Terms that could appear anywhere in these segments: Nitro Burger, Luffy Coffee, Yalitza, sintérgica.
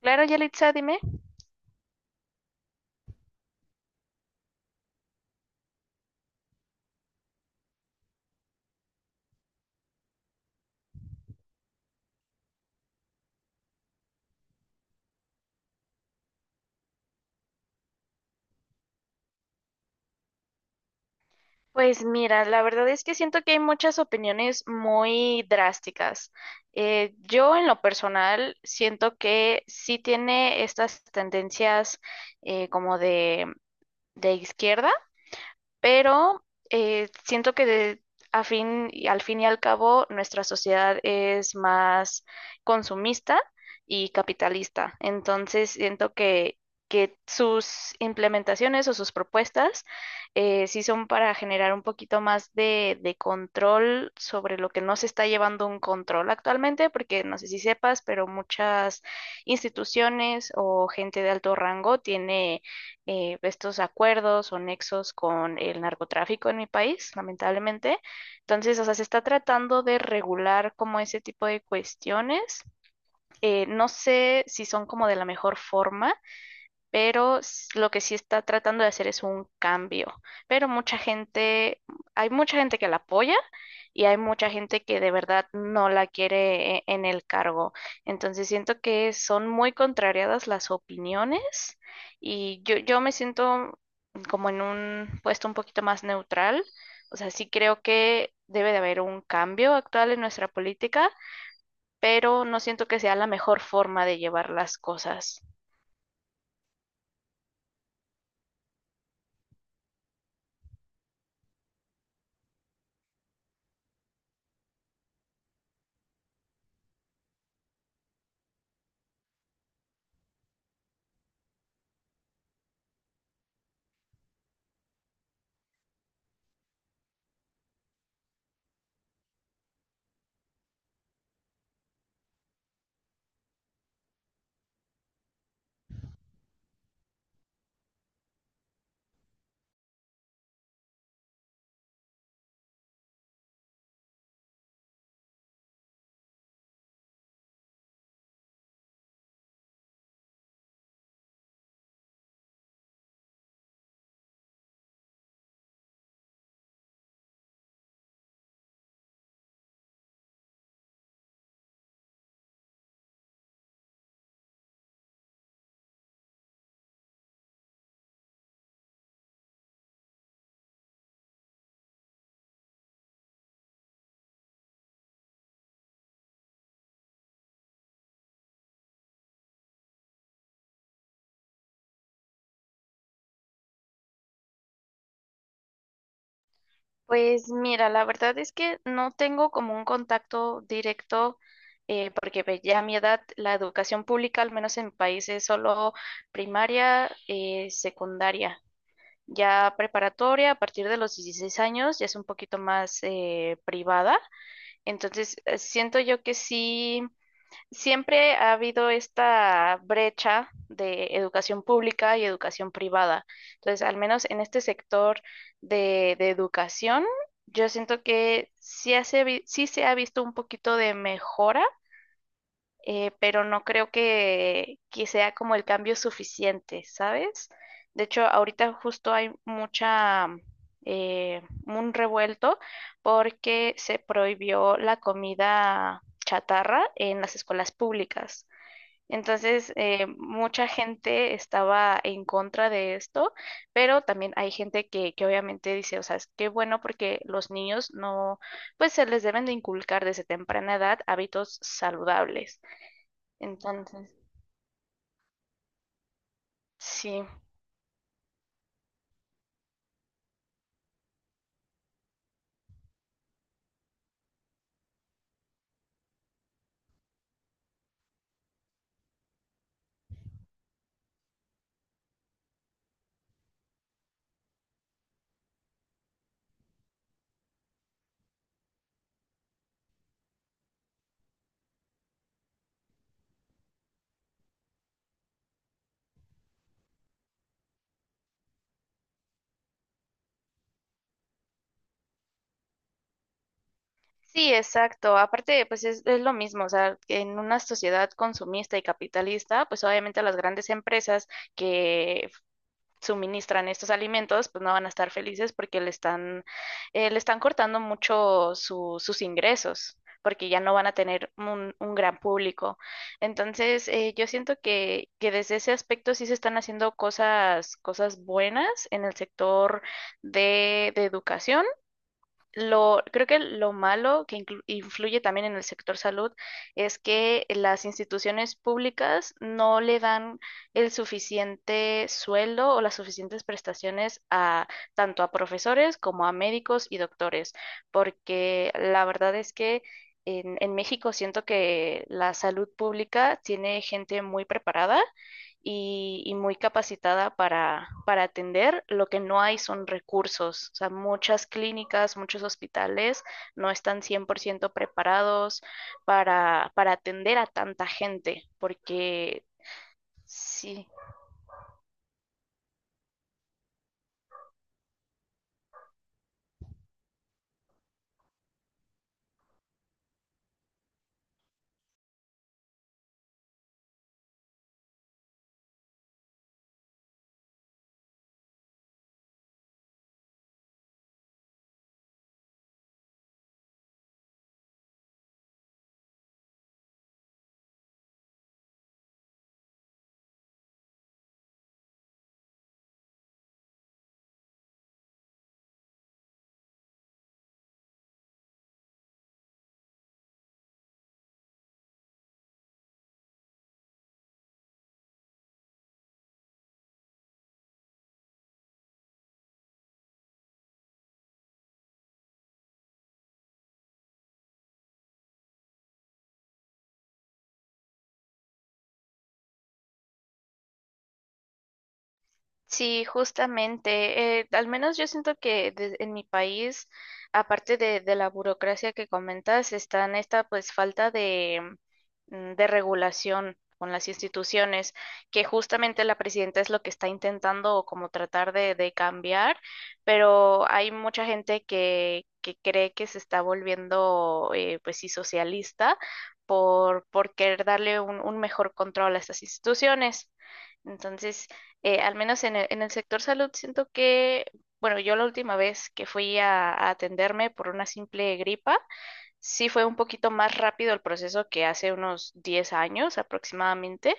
Claro, Yalitza, dime. Pues mira, la verdad es que siento que hay muchas opiniones muy drásticas. Yo en lo personal siento que sí tiene estas tendencias como de izquierda, pero siento a fin y al cabo nuestra sociedad es más consumista y capitalista. Entonces siento que sus implementaciones o sus propuestas sí son para generar un poquito más de control sobre lo que no se está llevando un control actualmente, porque no sé si sepas, pero muchas instituciones o gente de alto rango tiene estos acuerdos o nexos con el narcotráfico en mi país, lamentablemente. Entonces, o sea, se está tratando de regular como ese tipo de cuestiones. No sé si son como de la mejor forma, pero lo que sí está tratando de hacer es un cambio. Pero mucha gente, Hay mucha gente que la apoya y hay mucha gente que de verdad no la quiere en el cargo. Entonces siento que son muy contrariadas las opiniones y yo me siento como en un puesto un poquito más neutral. O sea, sí creo que debe de haber un cambio actual en nuestra política, pero no siento que sea la mejor forma de llevar las cosas. Pues mira, la verdad es que no tengo como un contacto directo, porque pues, ya a mi edad la educación pública, al menos en mi país, es solo primaria, secundaria. Ya preparatoria, a partir de los 16 años, ya es un poquito más privada. Entonces, siento yo que sí. Siempre ha habido esta brecha de educación pública y educación privada. Entonces, al menos en este sector de educación, yo siento que sí, sí se ha visto un poquito de mejora, pero no creo que sea como el cambio suficiente, ¿sabes? De hecho, ahorita justo hay un revuelto porque se prohibió la comida chatarra en las escuelas públicas. Entonces, mucha gente estaba en contra de esto, pero también hay gente que obviamente dice, o sea, es que bueno porque los niños no, pues se les deben de inculcar desde temprana edad hábitos saludables. Entonces, sí. Sí, exacto. Aparte, pues es lo mismo, o sea, que en una sociedad consumista y capitalista, pues obviamente las grandes empresas que suministran estos alimentos, pues no van a estar felices porque le están cortando mucho sus ingresos, porque ya no van a tener un gran público. Entonces, yo siento que desde ese aspecto sí se están haciendo cosas, cosas buenas en el sector de educación. Creo que lo malo que influye también en el sector salud es que las instituciones públicas no le dan el suficiente sueldo o las suficientes prestaciones a tanto a profesores como a médicos y doctores, porque la verdad es que en México siento que la salud pública tiene gente muy preparada y muy capacitada para atender. Lo que no hay son recursos. O sea, muchas clínicas, muchos hospitales no están 100% preparados para atender a tanta gente, porque sí. Sí, justamente. Eh, al menos yo siento que en mi país, aparte de la burocracia que comentas, está en esta pues falta de, de regulación con las instituciones, que justamente la presidenta es lo que está intentando como tratar de cambiar, pero hay mucha gente que cree que se está volviendo pues sí socialista por querer darle un mejor control a estas instituciones. Entonces, al menos en el sector salud, siento que, bueno, yo la última vez que fui a atenderme por una simple gripa, sí fue un poquito más rápido el proceso que hace unos 10 años aproximadamente.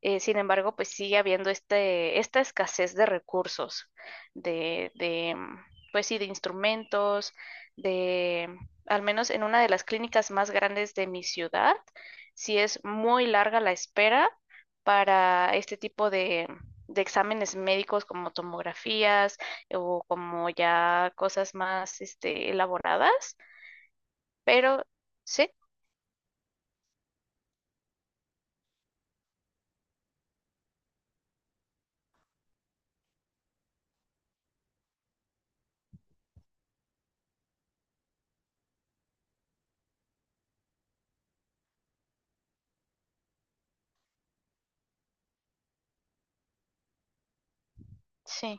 Sin embargo, pues sigue habiendo esta escasez de recursos, de, de, mm, pues sí, de instrumentos, al menos en una de las clínicas más grandes de mi ciudad, sí es muy larga la espera para este tipo de exámenes médicos como tomografías o como ya cosas más, este, elaboradas, pero sí, sí.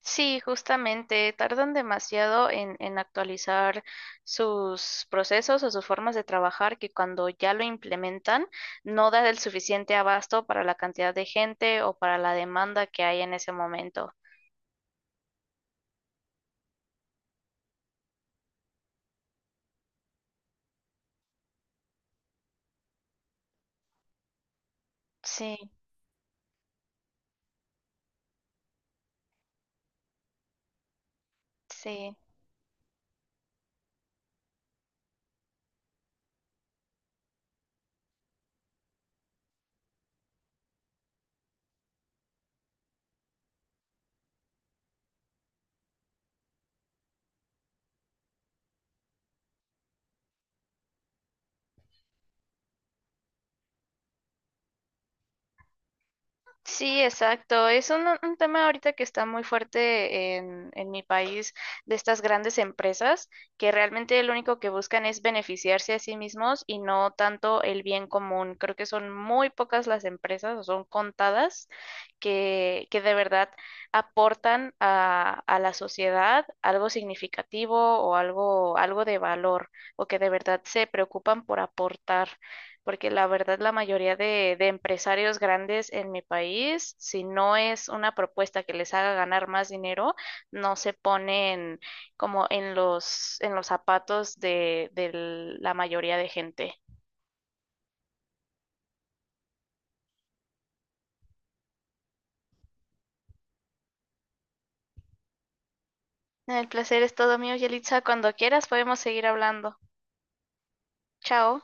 Sí, justamente, tardan demasiado en actualizar sus procesos o sus formas de trabajar que cuando ya lo implementan no da el suficiente abasto para la cantidad de gente o para la demanda que hay en ese momento. Sí, sí. Sí, exacto. Es un tema ahorita que está muy fuerte en mi país de estas grandes empresas que realmente lo único que buscan es beneficiarse a sí mismos y no tanto el bien común. Creo que son muy pocas las empresas o son contadas que de verdad aportan a la sociedad algo significativo o algo, algo de valor o que de verdad se preocupan por aportar porque la verdad la mayoría de empresarios grandes en mi país, si no es una propuesta que les haga ganar más dinero, no se ponen como en los zapatos de la mayoría de gente. El placer es todo mío, Yelitza. Cuando quieras podemos seguir hablando. Chao.